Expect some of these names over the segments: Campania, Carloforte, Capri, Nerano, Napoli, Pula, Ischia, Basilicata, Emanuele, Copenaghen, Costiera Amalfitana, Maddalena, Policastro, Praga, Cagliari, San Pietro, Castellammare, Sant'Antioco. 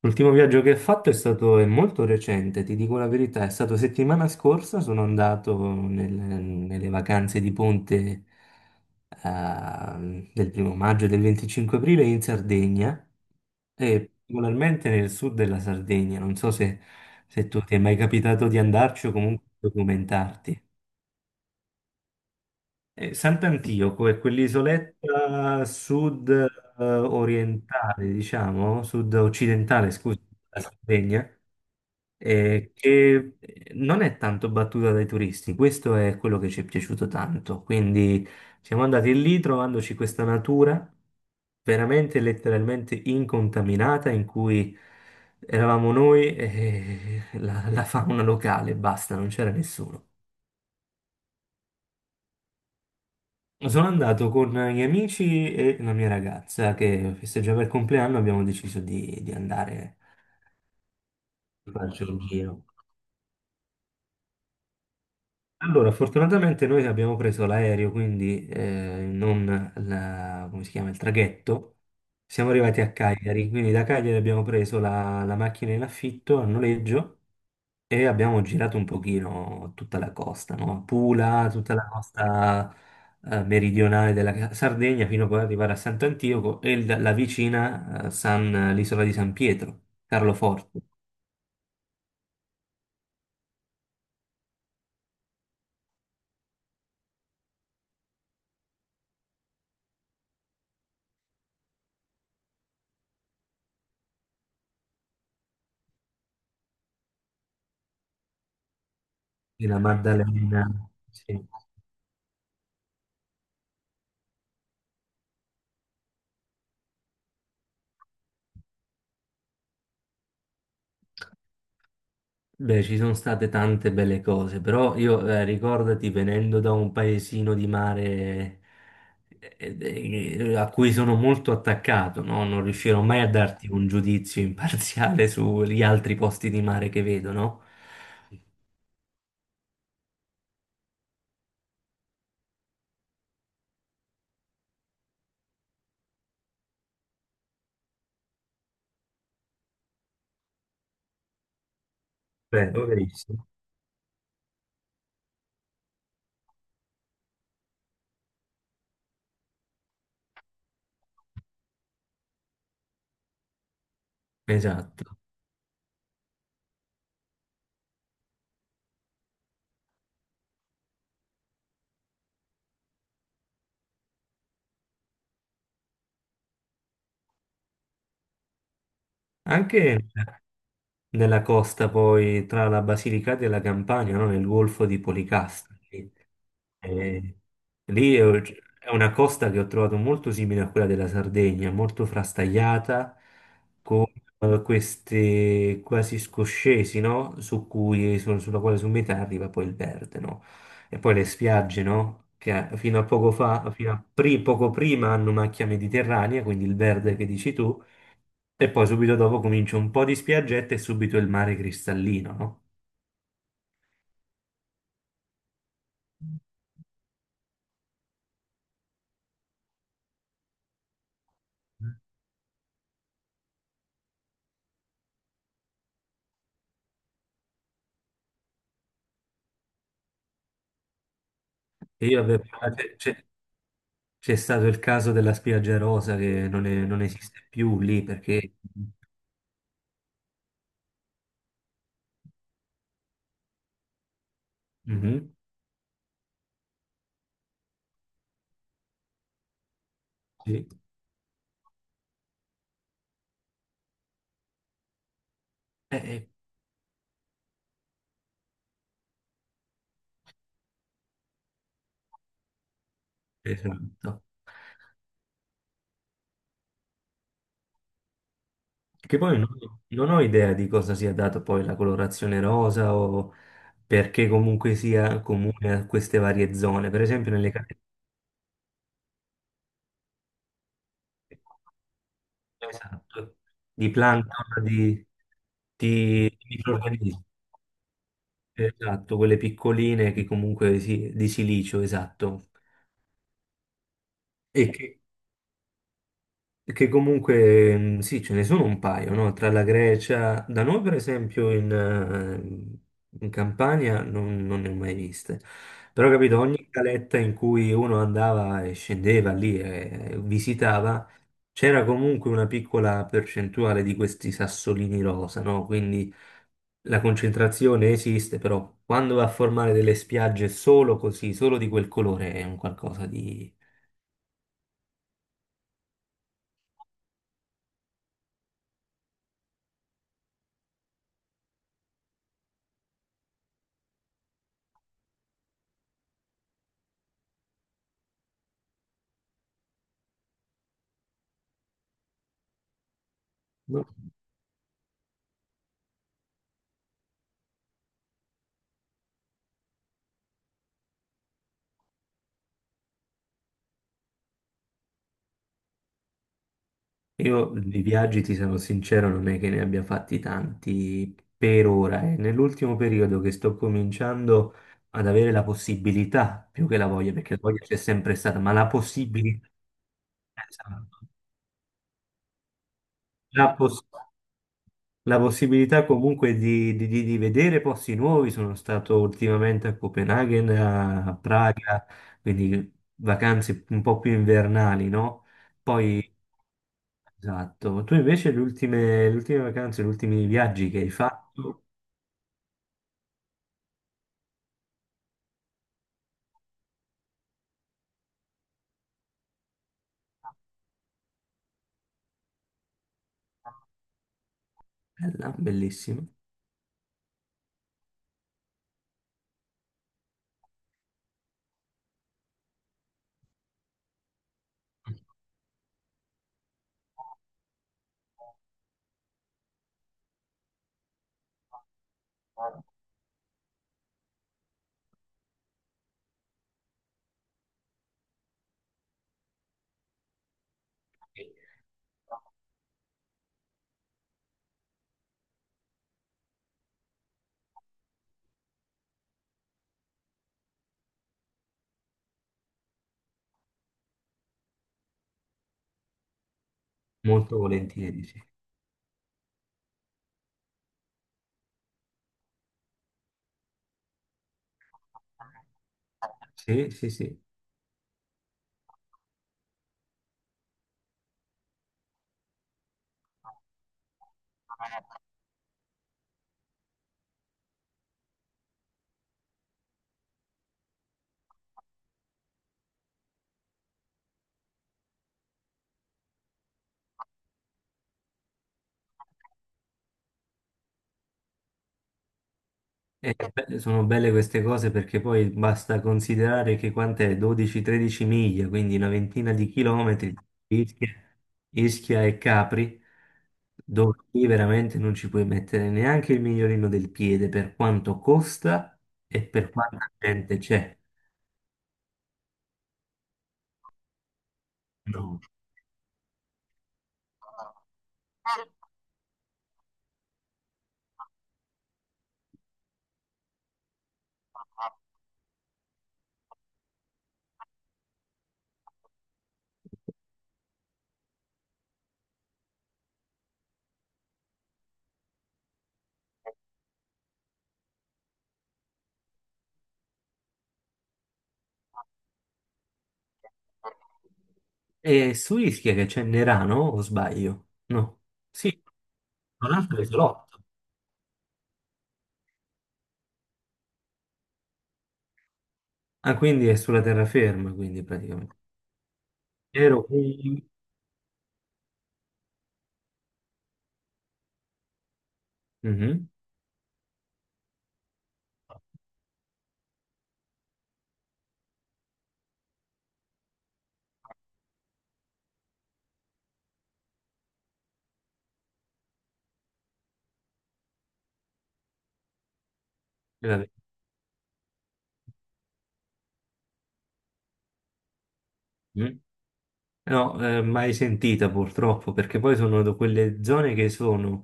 L'ultimo viaggio che ho fatto è molto recente, ti dico la verità, è stato settimana scorsa, sono andato nelle vacanze di ponte del primo maggio e del 25 aprile in Sardegna e particolarmente nel sud della Sardegna, non so se, se tu ti è mai capitato di andarci o comunque documentarti. Sant'Antioco è quell'isoletta sud orientale, diciamo, sud occidentale, scusa, della Sardegna che non è tanto battuta dai turisti, questo è quello che ci è piaciuto tanto. Quindi siamo andati lì trovandoci questa natura veramente letteralmente incontaminata in cui eravamo noi e la fauna locale, basta, non c'era nessuno. Sono andato con gli amici e la mia ragazza che festeggiava il compleanno, abbiamo deciso di andare a farci un giro. Allora, fortunatamente noi abbiamo preso l'aereo, quindi non la- come si chiama, il traghetto. Siamo arrivati a Cagliari, quindi da Cagliari abbiamo preso la macchina in affitto a noleggio e abbiamo girato un pochino tutta la costa, no? Pula, tutta la costa meridionale della Sardegna, fino a poi arrivare a Sant'Antioco e la vicina l'isola di San Pietro, Carloforte, e la Maddalena. Sì. Beh, ci sono state tante belle cose, però io ricordati, venendo da un paesino di mare a cui sono molto attaccato, no? Non riuscirò mai a darti un giudizio imparziale sugli altri posti di mare che vedo, no? Beh, verissimo. Esatto. Anche nella costa poi tra la Basilicata e la Campania, no? Nel golfo di Policastro. E lì ho- è una costa che ho trovato molto simile a quella della Sardegna, molto frastagliata, queste quasi scoscesi, no? Sulla quale su metà arriva poi il verde, no? E poi le spiagge, no? Che fino a poco fa, poco prima hanno macchia mediterranea, quindi il verde che dici tu, e poi subito dopo comincia un po' di spiaggette e subito il mare cristallino, no? E io avevo, cioè, C'è stato il caso della spiaggia rosa che non esiste più lì perché... Mhm, sì. Eh, eh, esatto. Che poi non ho idea di cosa sia dato poi la colorazione rosa, o perché comunque sia comune a queste varie zone. Per esempio nelle case esatto, di plancton, di microrganismi, esatto, quelle piccoline che comunque si, di silicio, esatto. E che Che comunque, sì, ce ne sono un paio, no? Tra la Grecia, da noi per esempio in Campania non ne ho mai viste, però capito, ogni caletta in cui uno andava e scendeva lì e visitava, c'era comunque una piccola percentuale di questi sassolini rosa, no? Quindi la concentrazione esiste, però quando va a formare delle spiagge solo così, solo di quel colore, è un qualcosa di... Io di viaggi, ti sono sincero, non è che ne abbia fatti tanti per ora. È nell'ultimo periodo che sto cominciando ad avere la possibilità, più che la voglia, perché la voglia c'è sempre stata, ma la possibilità, esatto. la, poss- la possibilità comunque di vedere posti nuovi. Sono stato ultimamente a Copenaghen, a Praga, quindi vacanze un po' più invernali, no? Poi esatto, ma tu invece le ultime vacanze, gli ultimi viaggi che hai fatto, bella, bellissima, molto volentieri, sì. Sì, sì, sì. E sono belle queste cose perché poi basta considerare che quant'è 12-13 miglia, quindi una ventina di chilometri, Ischia, e Capri, dove lì veramente non ci puoi mettere neanche il migliorino del piede per quanto costa e per quanta gente c'è. No, e su Ischia che c'è Nerano, o sbaglio? No. Sì, tra l'altro è isolotto. Ah, quindi è sulla terraferma, quindi praticamente. Ero qui... Mhm. E vabbè. Mm. No, mai sentita purtroppo, perché poi sono da quelle zone che sono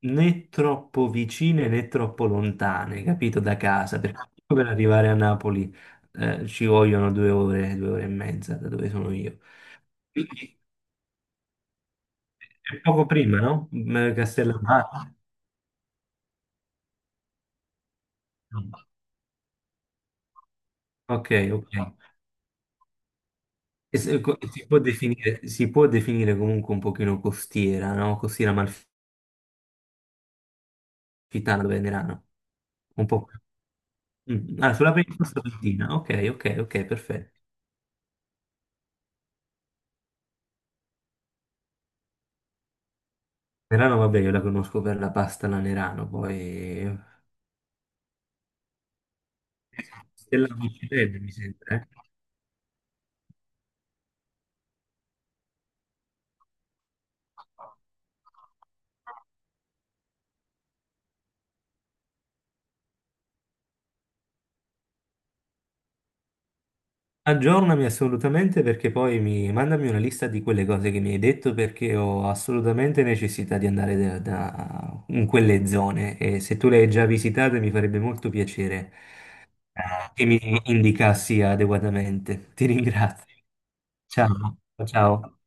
né troppo vicine né troppo lontane, capito, da casa, perché per arrivare a Napoli ci vogliono due ore e mezza da dove sono io. Quindi è poco prima, no? Mm, Castellammare. Ok, ok. E si può definire comunque un pochino costiera, no? Costiera malfitana, venerana. Un po'. Mm. Ah, sulla penisola stamattina. Ok, ok, ok, perfetto. Nerano, vabbè, io la conosco per la pasta alla Nerano, poi... eh, Stella Michelin, mi sembra, eh? Aggiornami assolutamente perché poi mi mandami una lista di quelle cose che mi hai detto perché ho assolutamente necessità di andare in quelle zone, e se tu le hai già visitate mi farebbe molto piacere che mi indicassi adeguatamente. Ti ringrazio. Ciao, ciao.